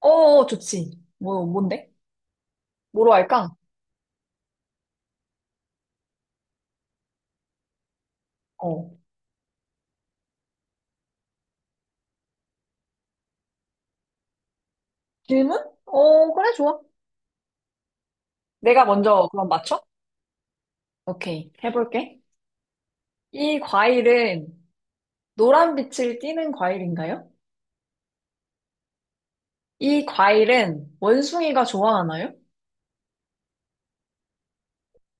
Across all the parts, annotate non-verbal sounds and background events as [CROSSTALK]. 어, 어, 어, 좋지. 뭔데? 뭐로 할까? 어. 질문? 어, 그래, 좋아. 내가 먼저 그럼 맞춰? 오케이. 해볼게. 이 과일은 노란 빛을 띠는 과일인가요? 이 과일은 원숭이가 좋아하나요?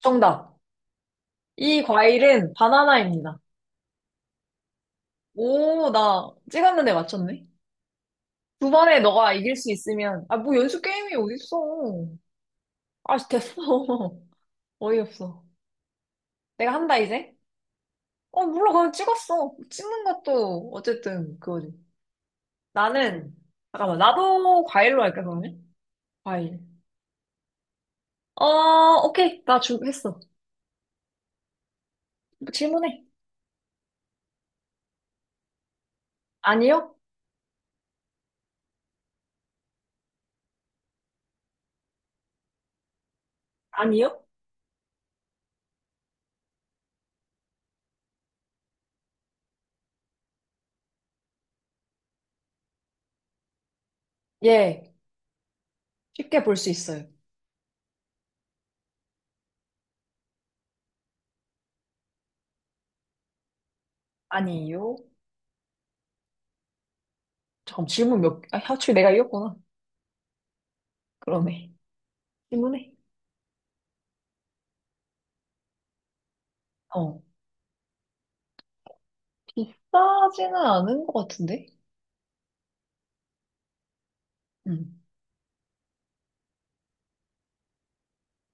정답. 이 과일은 바나나입니다. 오, 나 찍었는데 맞췄네. 두 번에 너가 이길 수 있으면, 아, 뭐 연습 게임이 어딨어. 아, 됐어. [LAUGHS] 어이없어. 내가 한다, 이제. 어, 몰라. 그냥 찍었어. 찍는 것도 어쨌든 그거지. 나는, 잠깐만. 나도 과일로 할까, 그러면? 과일. 어, 오케이. 나 했어. 질문해. 아니요? 아니요? 예. 쉽게 볼 수 있어요. 아니요? 잠깐, 질문 아, 하추 내가 이겼구나. 그러네. 질문해. 어. 비싸지는 않은 것 같은데? 음.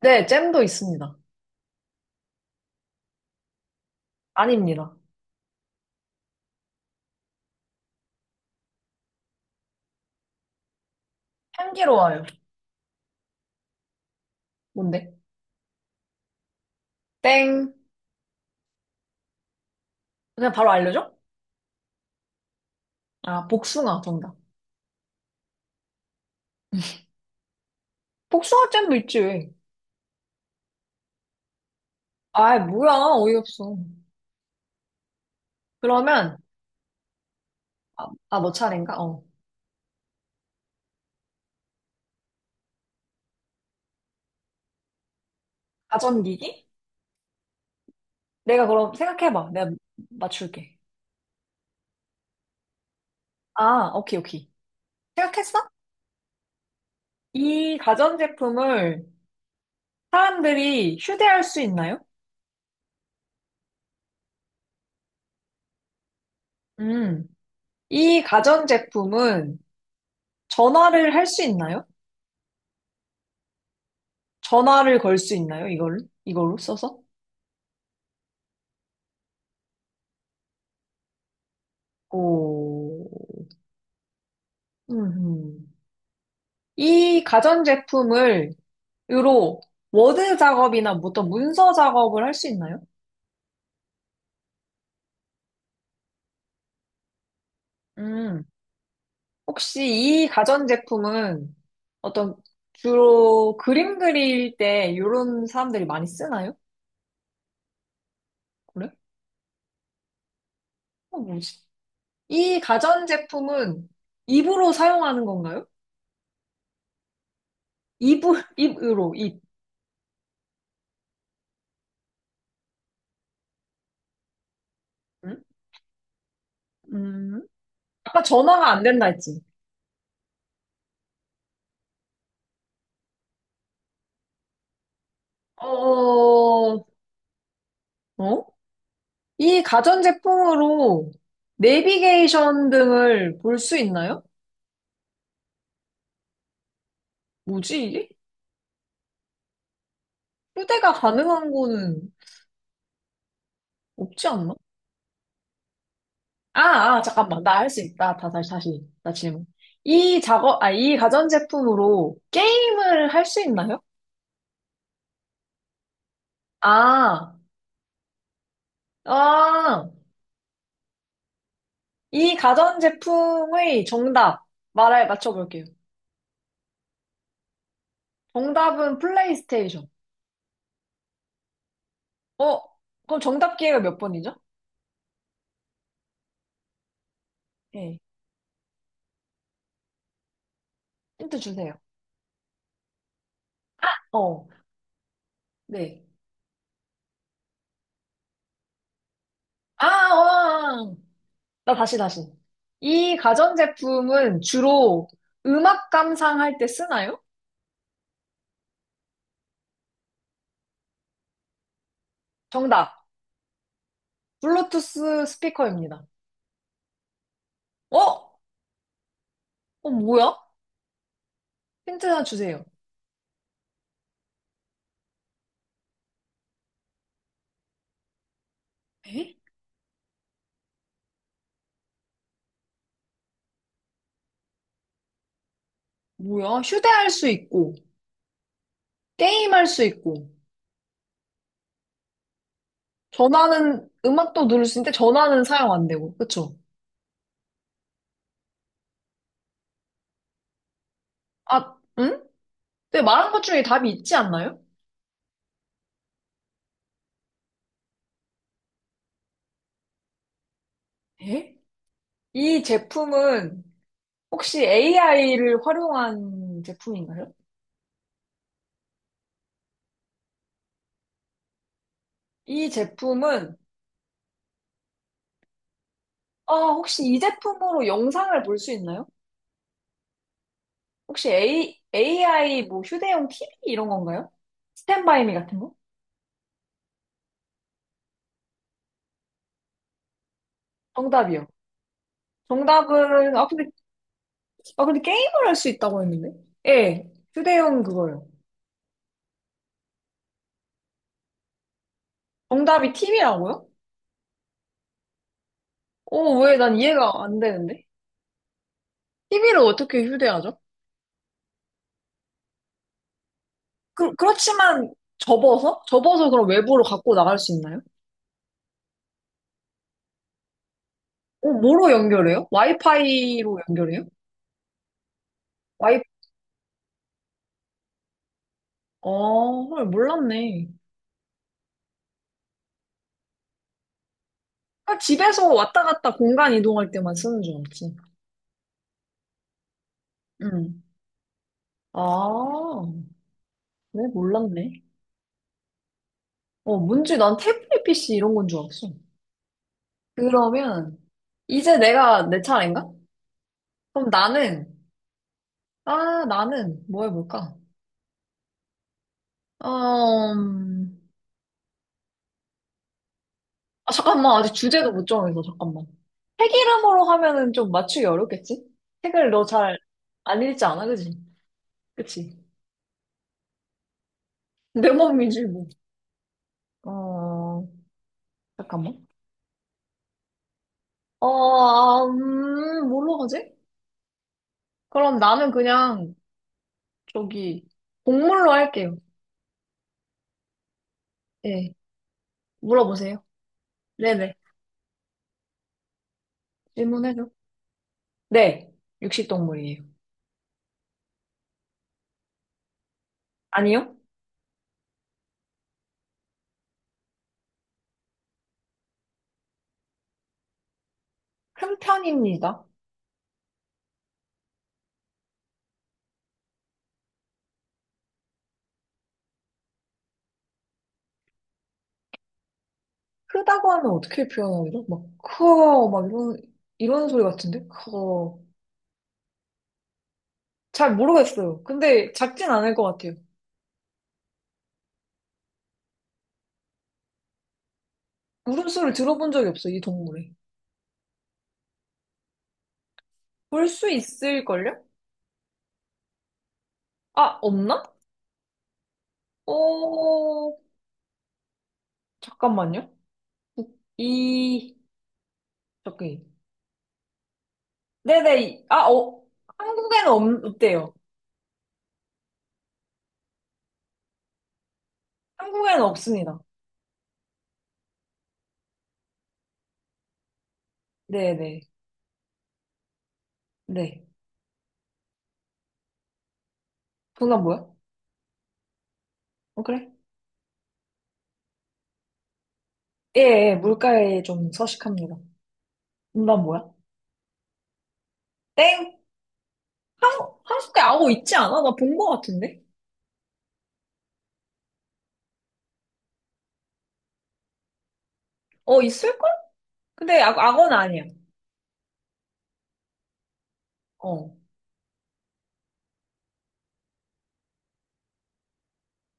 네, 잼도 있습니다. 아닙니다. 향기로워요. 뭔데? 땡. 그냥 바로 알려줘? 아, 복숭아 정답. 복숭아잼도 있지, 아이, 뭐야, 어이없어. 그러면, 아, 너 차례인가? 어. 가전기기? 내가 그럼 생각해봐. 내가 맞출게. 아, 오케이, 오케이. 생각했어? 이 가전제품을 사람들이 휴대할 수 있나요? 음. 이 가전제품은 전화를 할 수 있나요? 전화를 걸 수 있나요? 이걸로 써서? 오. 음. 이 가전제품을 으로 워드 작업이나 뭐 어떤 문서 작업을 할 수 있나요? 음, 혹시 이 가전제품은 어떤 주로 그림 그릴 때 이런 사람들이 많이 쓰나요? 그래? 어, 뭐지? 이 가전제품은 입으로 사용하는 건가요? 입을, [LAUGHS] 입으로, 입. 응? 음, 아까 전화가 안 된다 했지? 어, 어? 어? 이 가전제품으로 내비게이션 등을 볼 수 있나요? 뭐지, 이게? 후대가 가능한 거는 없지 않나? 아, 아, 잠깐만. 나 할 수 있다. 다시, 다시. 나 질문. 이 가전제품으로 게임을 할 수 있나요? 아, 아, 이 가전제품의 정답. 말해, 맞춰볼게요. 정답은 플레이스테이션. 어, 그럼 정답 기회가 몇 번이죠? 예. 힌트 주세요. 어, 네. 아, 어, 아. 아. 나 다시, 다시. 이 가전제품은 주로 음악 감상할 때 쓰나요? 정답. 블루투스 스피커입니다. 어? 어, 뭐야? 힌트 하나 주세요. 에? 뭐야? 휴대할 수 있고, 게임할 수 있고, 전화는, 음악도 누를 수 있는데 전화는 사용 안 되고, 그쵸? 아, 응? 근데 말한 것 중에 답이 있지 않나요? 에? 이 제품은 혹시 AI를 활용한 제품인가요? 이 제품은, 혹시 이 제품으로 영상을 볼 수 있나요? 혹시 AI 뭐 휴대용 TV 이런 건가요? 스탠바이미 같은 거? 정답이요. 정답은, 아, 근데, 아, 근데 게임을 할 수 있다고 했는데? 예, 휴대용 그거요. 정답이 TV라고요? 어, 왜 난 이해가 안 되는데? TV를 어떻게 휴대하죠? 그렇지만 접어서? 접어서 그럼 외부로 갖고 나갈 수 있나요? 어, 뭐로 연결해요? 와이파이로 연결해요? 와이, 어, 헐, 몰랐네. 아, 집에서 왔다 갔다 공간 이동할 때만 쓰는 줄 알았지. 음. 아, 네, 몰랐네. 어, 뭔지 난 태블릿 PC 이런 건 줄 알았어. 그러면 이제 내가 내 차례인가? 그럼 나는 뭐 해볼까? 어, 음, 아, 잠깐만 아직 주제도 못 정해서 잠깐만 책 이름으로 하면은 좀 맞추기 어렵겠지? 책을 너 잘 안 읽지 않아 그지? 그치? 내 몸이지 뭐. 어 잠깐만. 뭘로 하지? 그럼 나는 그냥 저기 동물로 할게요. 예 물어보세요. 네네 질문해줘. 네 육식동물이에요. 아니요? 큰 편입니다. 크다고 하면 어떻게 표현하죠? 막, 크어, 막 이런, 소리 같은데? 크어. 잘 모르겠어요. 근데 작진 않을 것 같아요. 울음소리 들어본 적이 없어요, 이 동물에. 볼 수 있을걸요? 아, 없나? 어, 잠깐만요. 이, 저기. 네네. 아, 한국에는 없대요. 한국에는 없습니다. 네네. 네. 정답 뭐야? 어, 그래? 예, 예, 물가에 좀 서식합니다. 정답 뭐야? 땡! 한, 한국에 악어 있지 않아? 나 본 거 같은데? 어, 있을걸? 근데 악어는 아니야. 어.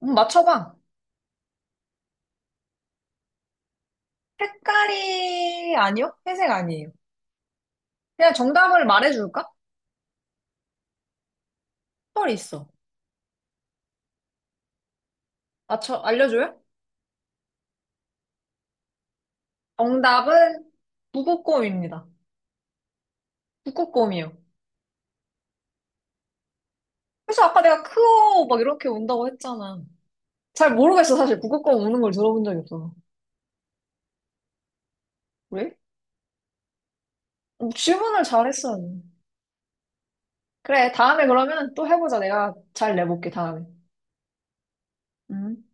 맞춰봐. 색깔이 아니요? 회색 아니에요. 그냥 정답을 말해줄까? 털이 있어. 맞춰, 알려줘요? 정답은 북극곰입니다. 북극곰이요. 그래서 아까 내가 크오 막 이렇게 운다고 했잖아. 잘 모르겠어, 사실. 북극곰 우는 걸 들어본 적이 없어. 왜? 어, 질문을 잘했어. 그래, 다음에 그러면 또 해보자. 내가 잘 내볼게, 다음에. 음.